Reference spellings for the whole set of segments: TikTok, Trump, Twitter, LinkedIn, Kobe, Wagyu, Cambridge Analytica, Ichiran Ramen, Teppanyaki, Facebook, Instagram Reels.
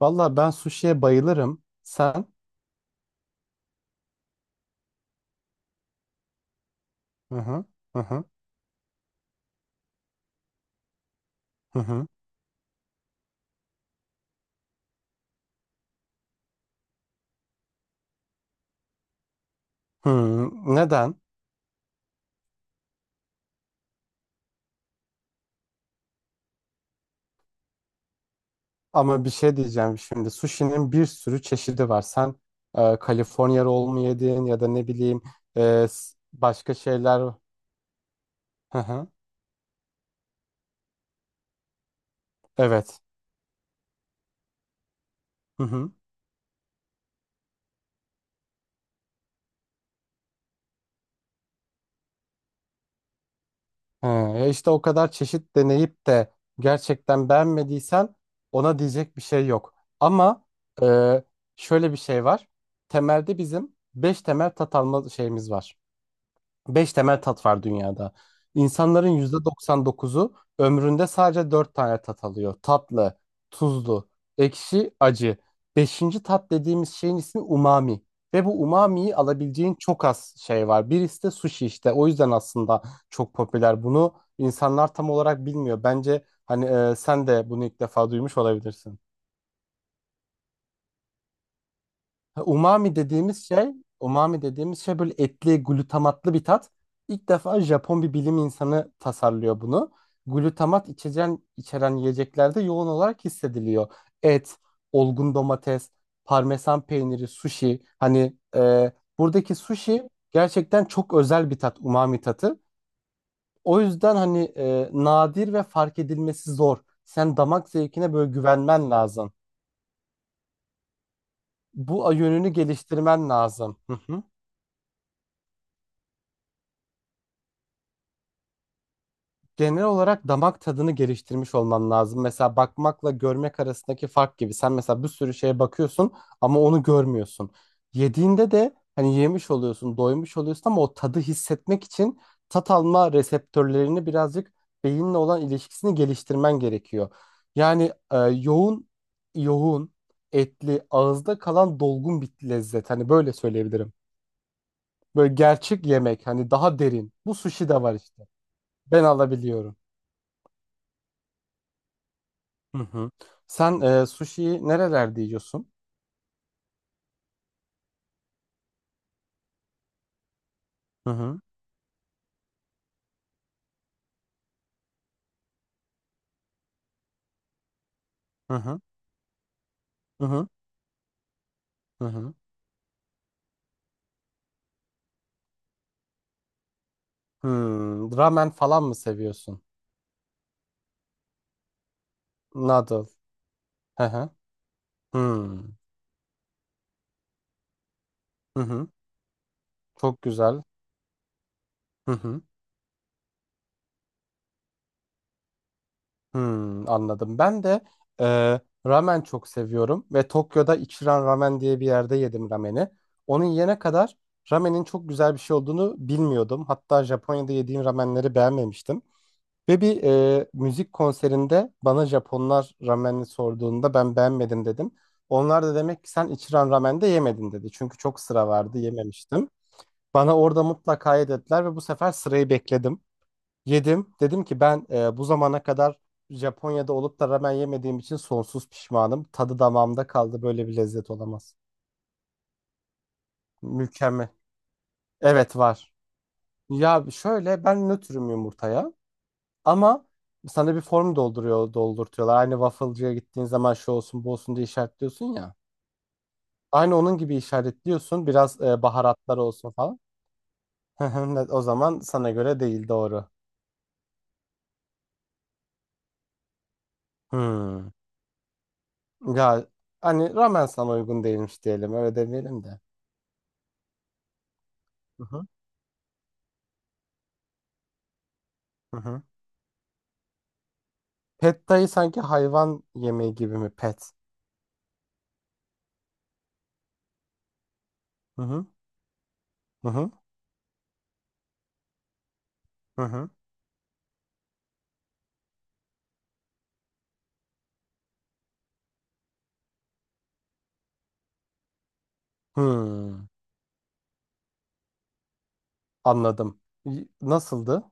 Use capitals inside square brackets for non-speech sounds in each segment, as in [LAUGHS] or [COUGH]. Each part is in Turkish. Valla ben suşiye bayılırım. Sen? Hı hı. Hı hı. Hı hı. Hı. Neden? Ama bir şey diyeceğim şimdi. Sushi'nin bir sürü çeşidi var. Sen Kaliforniya roll mu yedin ya da ne bileyim, başka şeyler. Hı hı. Evet. Hı hı. Hı. E işte o kadar çeşit deneyip de gerçekten beğenmediysen ona diyecek bir şey yok. Ama e, şöyle bir şey var. Temelde bizim 5 temel tat alma şeyimiz var. Beş temel tat var dünyada. İnsanların %99'u ömründe sadece dört tane tat alıyor. Tatlı, tuzlu, ekşi, acı. Beşinci tat dediğimiz şeyin ismi umami. Ve bu umamiyi alabileceğin çok az şey var. Birisi de sushi işte. O yüzden aslında çok popüler. Bunu insanlar tam olarak bilmiyor. Bence hani sen de bunu ilk defa duymuş olabilirsin. Ha, umami dediğimiz şey, umami dediğimiz şey böyle etli, glutamatlı bir tat. İlk defa Japon bir bilim insanı tasarlıyor bunu. Glutamat içeceğin, içeren yiyeceklerde yoğun olarak hissediliyor. Et, olgun domates, parmesan peyniri, sushi. Hani buradaki sushi gerçekten çok özel bir tat, umami tatı. O yüzden hani nadir ve fark edilmesi zor. Sen damak zevkine böyle güvenmen lazım. Bu yönünü geliştirmen lazım. Hı hı. Genel olarak damak tadını geliştirmiş olman lazım. Mesela bakmakla görmek arasındaki fark gibi. Sen mesela bir sürü şeye bakıyorsun ama onu görmüyorsun. Yediğinde de hani yemiş oluyorsun, doymuş oluyorsun ama o tadı hissetmek için tat alma reseptörlerini birazcık beyinle olan ilişkisini geliştirmen gerekiyor. Yani yoğun, yoğun, etli, ağızda kalan dolgun bir lezzet. Hani böyle söyleyebilirim. Böyle gerçek yemek, hani daha derin. Bu sushi de var işte. Ben alabiliyorum. Hı hı. Sen sushi'yi nerelerde yiyorsun? Hı hı. Hı hı. Hı hı. Hı hı. Hmm, ramen falan mı seviyorsun? Noodle. Hı hı. Hmm. Hı hı. Çok güzel. Hı hı. Hmm, anladım. Ben de e, ramen çok seviyorum ve Tokyo'da Ichiran Ramen diye bir yerde yedim rameni. Onun yene kadar ramenin çok güzel bir şey olduğunu bilmiyordum. Hatta Japonya'da yediğim ramenleri beğenmemiştim. Ve bir müzik konserinde bana Japonlar ramenini sorduğunda ben beğenmedim dedim. Onlar da demek ki sen içiren ramen de yemedin dedi. Çünkü çok sıra vardı yememiştim. Bana orada mutlaka ye dediler ve bu sefer sırayı bekledim. Yedim. Dedim ki ben bu zamana kadar Japonya'da olup da ramen yemediğim için sonsuz pişmanım. Tadı damağımda kaldı. Böyle bir lezzet olamaz. Mükemmel. Evet var. Ya şöyle ben nötrüm yumurtaya. Ama sana bir form dolduruyor, doldurtuyorlar. Aynı waffle'cıya gittiğin zaman şu olsun, bu olsun diye işaretliyorsun ya. Aynı onun gibi işaretliyorsun. Biraz baharatlar olsun falan. [LAUGHS] O zaman sana göre değil doğru. Hmm. Ya hani ramen sana uygun değilmiş diyelim. Öyle demeyelim de. Hı hı. Hı hı. Pad thai sanki hayvan yemeği gibi mi? Pet. Hı hı. Hı hı. Hı hı. Hmm. Anladım. Nasıldı?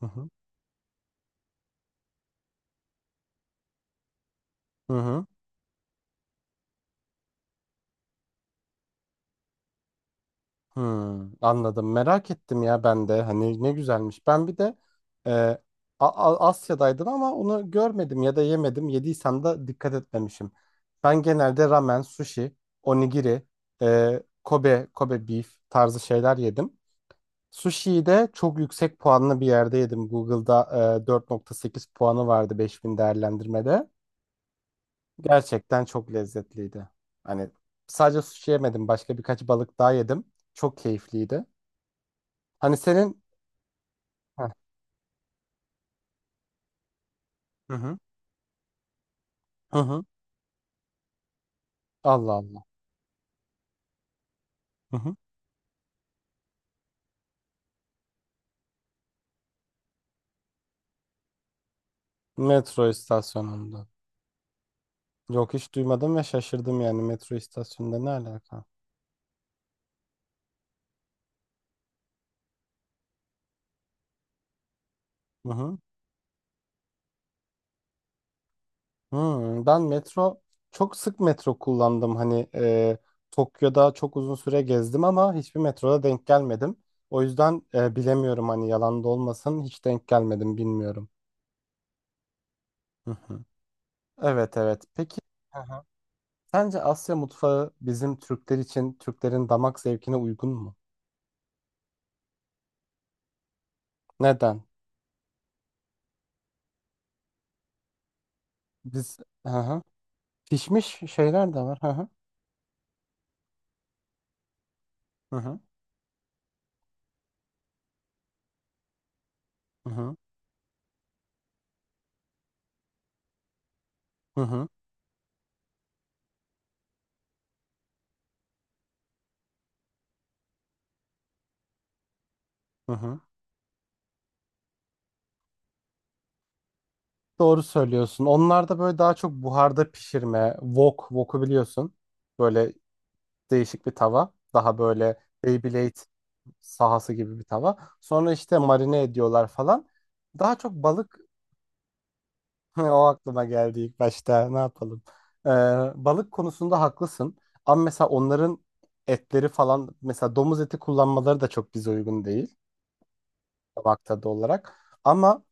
Hı hı. Hı hı. Hmm, anladım. Merak ettim ya ben de. Hani ne güzelmiş. Ben bir de e, A- Asya'daydım ama onu görmedim ya da yemedim. Yediysem de dikkat etmemişim. Ben genelde ramen, sushi, onigiri, Kobe, Kobe beef tarzı şeyler yedim. Sushi'yi de çok yüksek puanlı bir yerde yedim. Google'da 4,8 puanı vardı 5.000 değerlendirmede. Gerçekten çok lezzetliydi. Hani sadece sushi yemedim. Başka birkaç balık daha yedim. Çok keyifliydi. Hani senin. Heh. Hı hı. Hı hı. Allah Allah. Hı hı. Metro istasyonunda. Yok hiç duymadım ve şaşırdım yani metro istasyonunda ne alaka? Hı hı. Hmm, ben çok sık metro kullandım hani Tokyo'da çok uzun süre gezdim ama hiçbir metroda denk gelmedim. O yüzden bilemiyorum hani yalan da olmasın hiç denk gelmedim bilmiyorum. Hı hı. Evet, evet, peki. Hı hı. Sence Asya mutfağı bizim Türkler için Türklerin damak zevkine uygun mu? Neden? Biz. Hı hı. Pişmiş şeyler de var. Hı hı. Hı hı. Hı hı. Hı hı. Hı hı. Doğru söylüyorsun. Onlar da böyle daha çok buharda pişirme. Wok, wok'u biliyorsun. Böyle değişik bir tava. Daha böyle Beyblade sahası gibi bir tava. Sonra işte marine ediyorlar falan. Daha çok balık. [LAUGHS] O aklıma geldi ilk başta. Ne yapalım? Ee, balık konusunda haklısın. Ama mesela onların etleri falan mesela domuz eti kullanmaları da çok bize uygun değil. Tabakta da olarak. Ama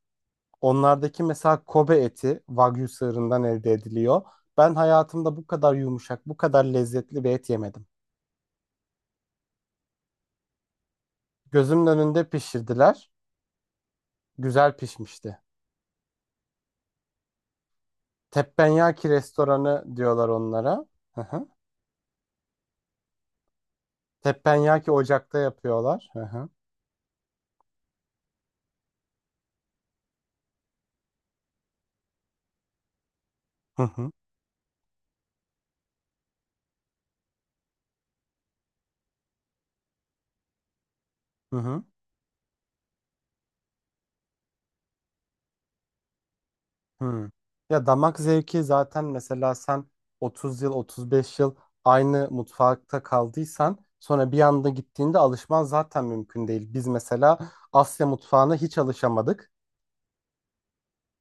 onlardaki mesela Kobe eti Wagyu sığırından elde ediliyor. Ben hayatımda bu kadar yumuşak, bu kadar lezzetli bir et yemedim. Gözümün önünde pişirdiler. Güzel pişmişti. Teppanyaki restoranı diyorlar onlara. Hı hı. Teppanyaki ocakta yapıyorlar. Hı hı. Hı hı. Hı hı. Hmm. Ya damak zevki zaten mesela sen 30 yıl 35 yıl aynı mutfakta kaldıysan sonra bir anda gittiğinde alışman zaten mümkün değil. Biz mesela Asya mutfağına hiç alışamadık.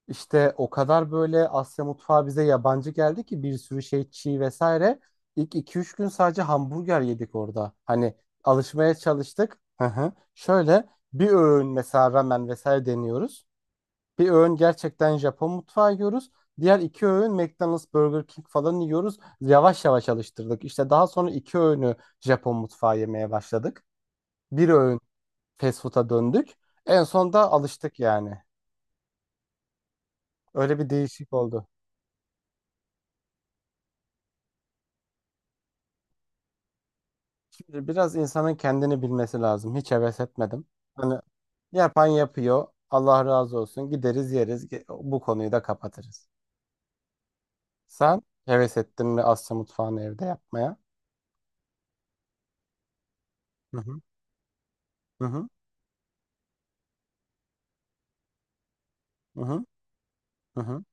İşte o kadar böyle Asya mutfağı bize yabancı geldi ki bir sürü şey çiğ vesaire. İlk iki üç gün sadece hamburger yedik orada. Hani alışmaya çalıştık. Hı hı. Şöyle bir öğün mesela ramen vesaire deniyoruz. Bir öğün gerçekten Japon mutfağı yiyoruz. Diğer iki öğün McDonald's, Burger King falan yiyoruz. Yavaş yavaş alıştırdık. İşte daha sonra iki öğünü Japon mutfağı yemeye başladık. Bir öğün fast food'a döndük. En son da alıştık yani. Öyle bir değişik oldu. Şimdi biraz insanın kendini bilmesi lazım. Hiç heves etmedim. Hani yapan yapıyor. Allah razı olsun. Gideriz yeriz. Bu konuyu da kapatırız. Sen heves ettin mi Asya mutfağını evde yapmaya? Hı hı. Hı hı. Hı hı. Hı hı.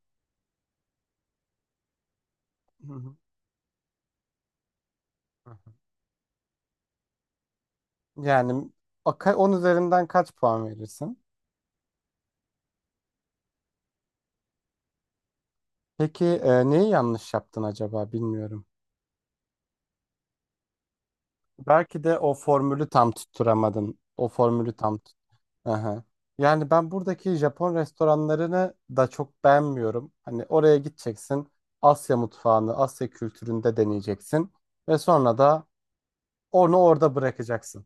Hı hı. Yani 10 üzerinden kaç puan verirsin? Peki neyi yanlış yaptın acaba bilmiyorum. Belki de o formülü tam tutturamadın. O formülü tam tut. Aha. Yani ben buradaki Japon restoranlarını da çok beğenmiyorum. Hani oraya gideceksin, Asya mutfağını, Asya kültüründe deneyeceksin ve sonra da onu orada bırakacaksın.